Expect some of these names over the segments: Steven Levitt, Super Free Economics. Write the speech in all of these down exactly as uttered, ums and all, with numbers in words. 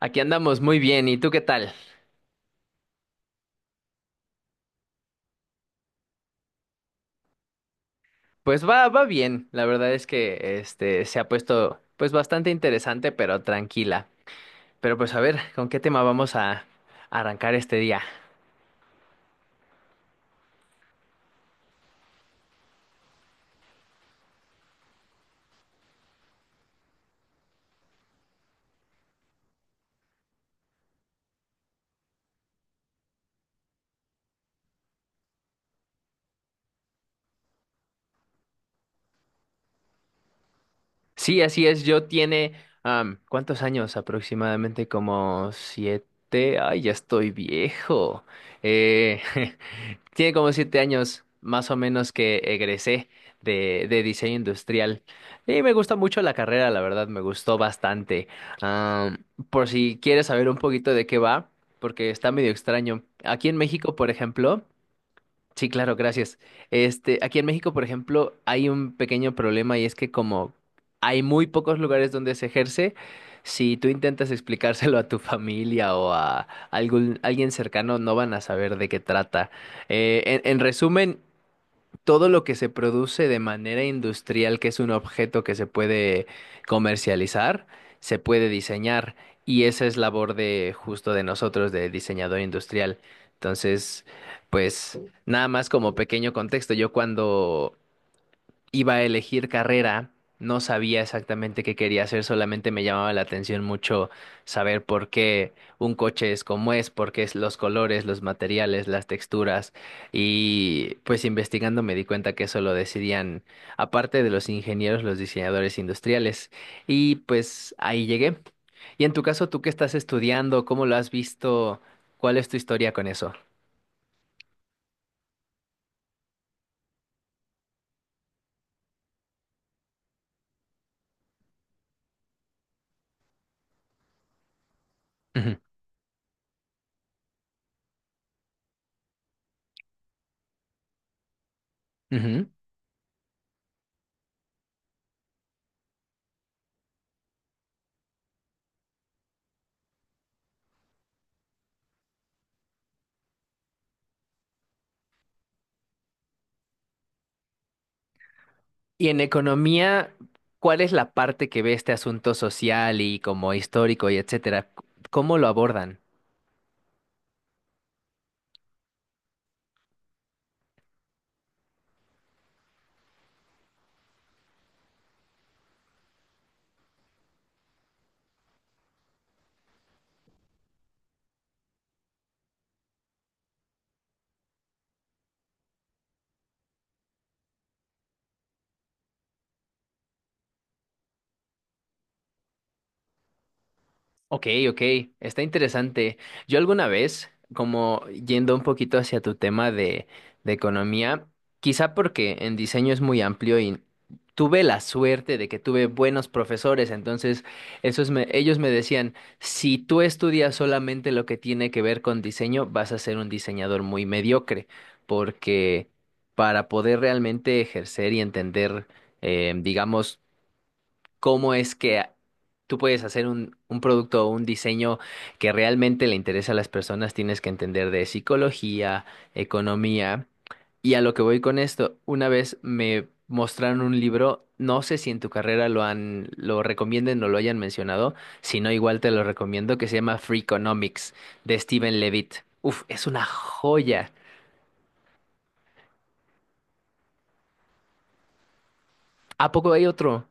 Aquí andamos muy bien, ¿y tú qué tal? Pues va, va bien. La verdad es que este se ha puesto pues bastante interesante, pero tranquila. Pero pues a ver, ¿con qué tema vamos a arrancar este día? Sí, así es. Yo tiene am, ¿cuántos años? Aproximadamente como siete. Ay, ya estoy viejo. Eh, Tiene como siete años, más o menos, que egresé de, de diseño industrial. Y me gusta mucho la carrera, la verdad, me gustó bastante. Ah, por si quieres saber un poquito de qué va, porque está medio extraño. Aquí en México, por ejemplo. Sí, claro, gracias. Este, aquí en México, por ejemplo, hay un pequeño problema y es que como hay muy pocos lugares donde se ejerce, si tú intentas explicárselo a tu familia o a algún alguien cercano, no van a saber de qué trata. Eh, en, en resumen, todo lo que se produce de manera industrial, que es un objeto que se puede comercializar, se puede diseñar. Y esa es labor de justo de nosotros, de diseñador industrial. Entonces, pues nada más como pequeño contexto, yo cuando iba a elegir carrera, no sabía exactamente qué quería hacer, solamente me llamaba la atención mucho saber por qué un coche es como es, por qué es los colores, los materiales, las texturas. Y pues investigando me di cuenta que eso lo decidían, aparte de los ingenieros, los diseñadores industriales. Y pues ahí llegué. Y en tu caso, ¿tú qué estás estudiando? ¿Cómo lo has visto? ¿Cuál es tu historia con eso? Ujú, ujú. Y en economía, ¿cuál es la parte que ve este asunto social y como histórico y etcétera? ¿Cómo lo abordan? Ok, ok, está interesante. Yo alguna vez, como yendo un poquito hacia tu tema de, de economía, quizá porque en diseño es muy amplio y tuve la suerte de que tuve buenos profesores, entonces esos me- ellos me decían, si tú estudias solamente lo que tiene que ver con diseño, vas a ser un diseñador muy mediocre, porque para poder realmente ejercer y entender, eh, digamos, cómo es que tú puedes hacer un, un producto o un diseño que realmente le interesa a las personas. Tienes que entender de psicología, economía. Y a lo que voy con esto, una vez me mostraron un libro, no sé si en tu carrera lo han, lo recomienden o lo hayan mencionado, si no, igual te lo recomiendo, que se llama Free Economics de Steven Levitt. Uf, es una joya. ¿A poco hay otro?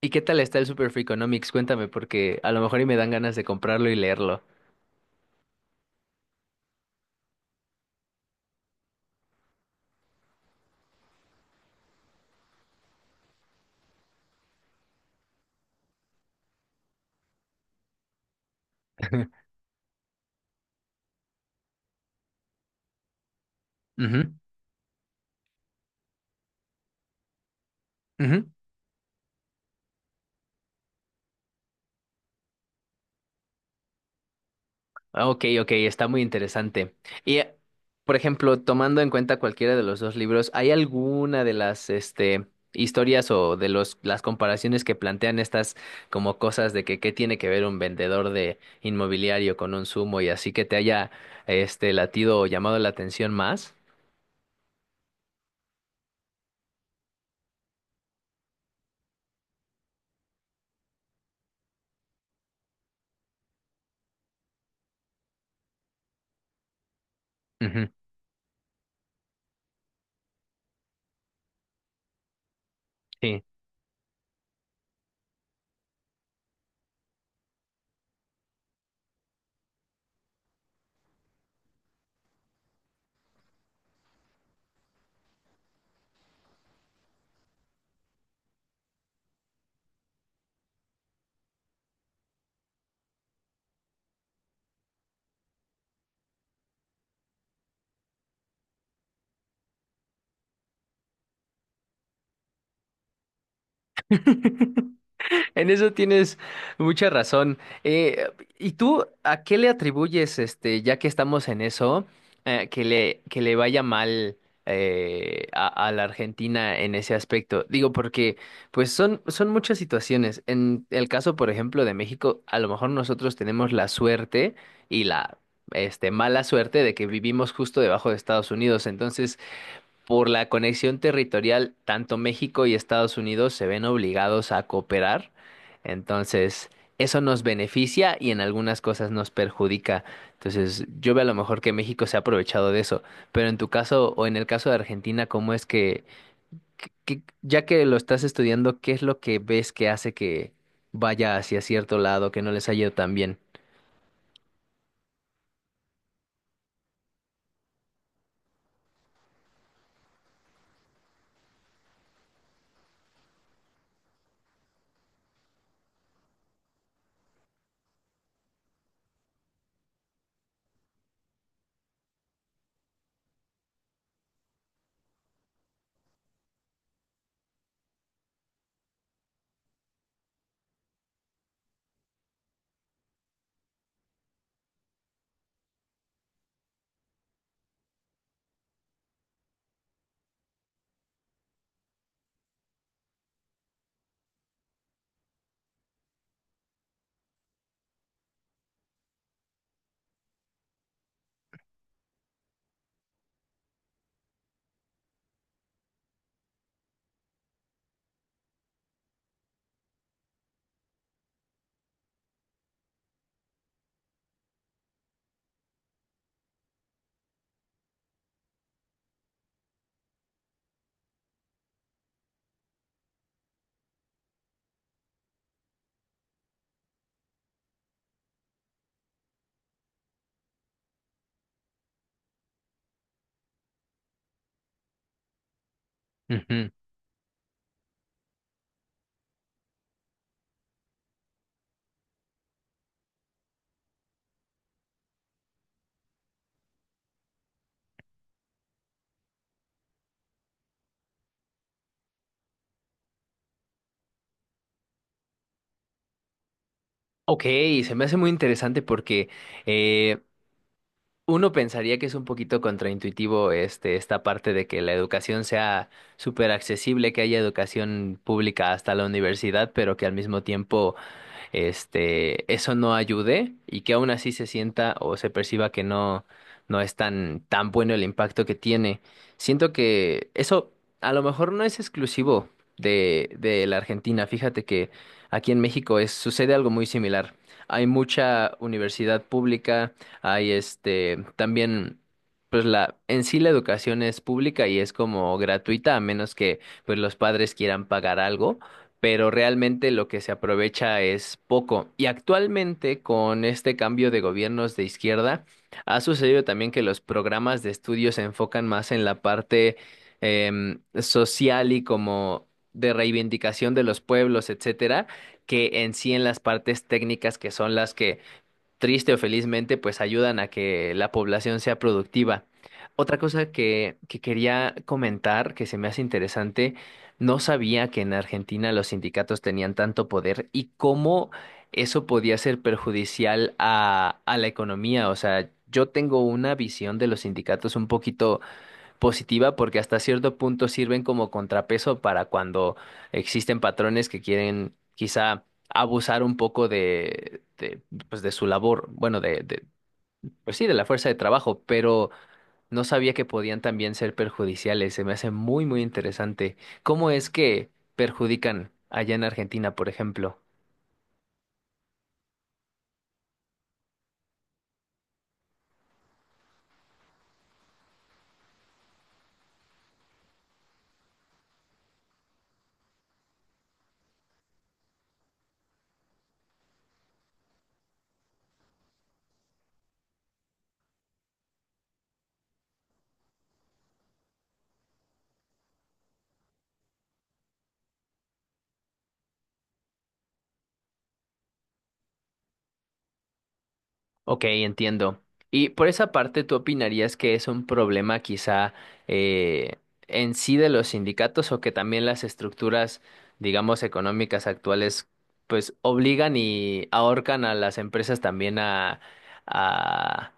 ¿Y qué tal está el Super Free Economics? Cuéntame, porque a lo mejor y me dan ganas de comprarlo y leerlo. Ujú. Ujú. Ah, ok, ok, está muy interesante. Y, eh, por ejemplo, tomando en cuenta cualquiera de los dos libros, ¿hay alguna de las, este, historias o de los, las comparaciones que plantean estas como cosas de que qué tiene que ver un vendedor de inmobiliario con un sumo y así que te haya, este, latido o llamado la atención más? Ujú. Sí. En eso tienes mucha razón. Eh, ¿Y tú a qué le atribuyes, este, ya que estamos en eso, eh, que le, que le vaya mal eh, a, a la Argentina en ese aspecto? Digo, porque pues son, son muchas situaciones. En el caso, por ejemplo, de México, a lo mejor nosotros tenemos la suerte y la, este, mala suerte de que vivimos justo debajo de Estados Unidos. Entonces, por la conexión territorial, tanto México y Estados Unidos se ven obligados a cooperar. Entonces, eso nos beneficia y en algunas cosas nos perjudica. Entonces, yo veo a lo mejor que México se ha aprovechado de eso. Pero en tu caso o en el caso de Argentina, ¿cómo es que, que- que- ya que lo estás estudiando, qué es lo que ves que hace que vaya hacia cierto lado, que no les haya ido tan bien? Ujú. Ok, se me hace muy interesante porque eh, uno pensaría que es un poquito contraintuitivo este, esta parte de que la educación sea súper accesible, que haya educación pública hasta la universidad, pero que al mismo tiempo este, eso no ayude y que aún así se sienta o se perciba que no, no es tan, tan bueno el impacto que tiene. Siento que eso a lo mejor no es exclusivo de, de la Argentina. Fíjate que aquí en México es, sucede algo muy similar. Hay mucha universidad pública, hay este, también pues la en sí la educación es pública y es como gratuita a menos que pues los padres quieran pagar algo, pero realmente lo que se aprovecha es poco. Y actualmente, con este cambio de gobiernos de izquierda, ha sucedido también que los programas de estudio se enfocan más en la parte em, social y como de reivindicación de los pueblos, etcétera, que en sí en las partes técnicas que son las que triste o felizmente, pues ayudan a que la población sea productiva. Otra cosa que, que quería comentar, que se me hace interesante, no sabía que en Argentina los sindicatos tenían tanto poder y cómo eso podía ser perjudicial a, a la economía. O sea, yo tengo una visión de los sindicatos un poquito positiva porque hasta cierto punto sirven como contrapeso para cuando existen patrones que quieren quizá abusar un poco de, de, pues de su labor, bueno, de, de, pues sí, de la fuerza de trabajo, pero no sabía que podían también ser perjudiciales. Se me hace muy, muy interesante. ¿Cómo es que perjudican allá en Argentina, por ejemplo? Ok, entiendo. Y por esa parte, ¿tú opinarías que es un problema quizá eh, en sí de los sindicatos o que también las estructuras, digamos, económicas actuales, pues obligan y ahorcan a las empresas también a, a,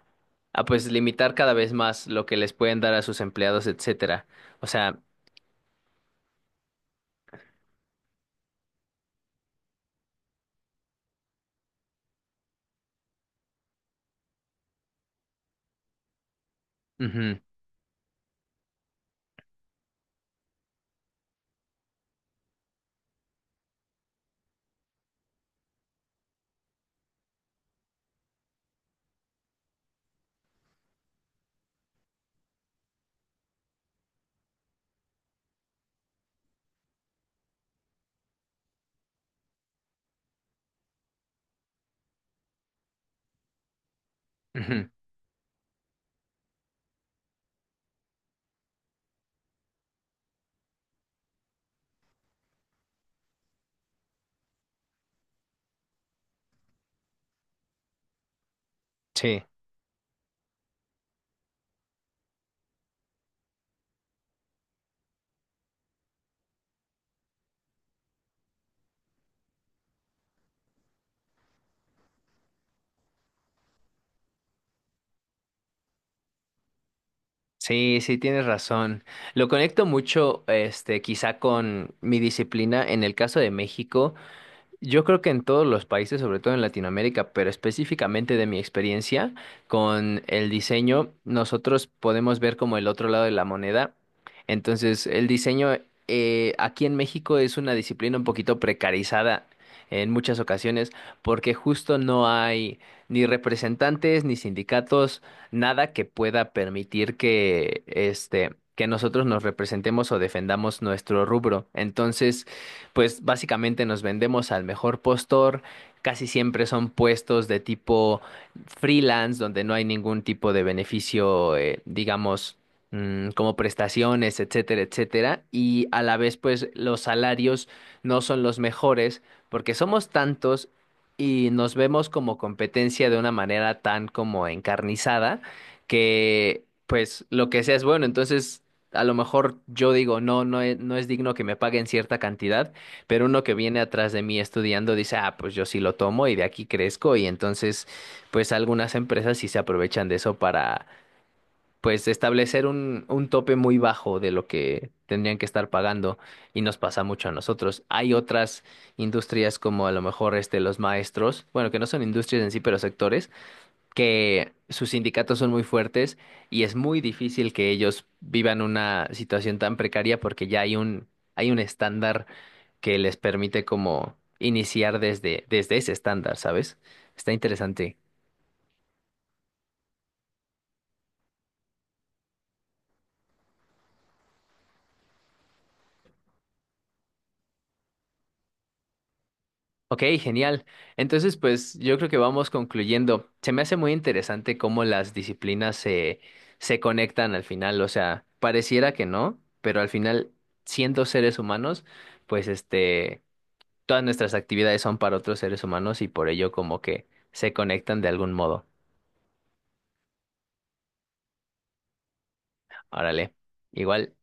a pues limitar cada vez más lo que les pueden dar a sus empleados, etcétera? O sea, ujú, ujú, sí. Sí, sí, tienes razón. Lo conecto mucho, este, quizá con mi disciplina. En el caso de México, yo creo que en todos los países, sobre todo en Latinoamérica, pero específicamente de mi experiencia con el diseño, nosotros podemos ver como el otro lado de la moneda. Entonces, el diseño eh, aquí en México es una disciplina un poquito precarizada en muchas ocasiones porque justo no hay ni representantes, ni sindicatos, nada que pueda permitir que este... que nosotros nos representemos o defendamos nuestro rubro. Entonces, pues básicamente nos vendemos al mejor postor. Casi siempre son puestos de tipo freelance, donde no hay ningún tipo de beneficio, eh, digamos, mm, como prestaciones, etcétera, etcétera. Y a la vez, pues los salarios no son los mejores porque somos tantos y nos vemos como competencia de una manera tan como encarnizada que pues lo que sea es bueno. Entonces, a lo mejor yo digo, no, no es, no es digno que me paguen cierta cantidad, pero uno que viene atrás de mí estudiando dice, ah, pues yo sí lo tomo y de aquí crezco. Y entonces, pues algunas empresas sí se aprovechan de eso para, pues, establecer un, un tope muy bajo de lo que tendrían que estar pagando. Y nos pasa mucho a nosotros. Hay otras industrias como a lo mejor este, los maestros, bueno, que no son industrias en sí, pero sectores, que sus sindicatos son muy fuertes y es muy difícil que ellos vivan una situación tan precaria porque ya hay un, hay un estándar que les permite como iniciar desde, desde ese estándar, ¿sabes? Está interesante. Ok, genial. Entonces, pues yo creo que vamos concluyendo. Se me hace muy interesante cómo las disciplinas se, se conectan al final. O sea, pareciera que no, pero al final, siendo seres humanos, pues este, todas nuestras actividades son para otros seres humanos y por ello como que se conectan de algún modo. Árale. Igual.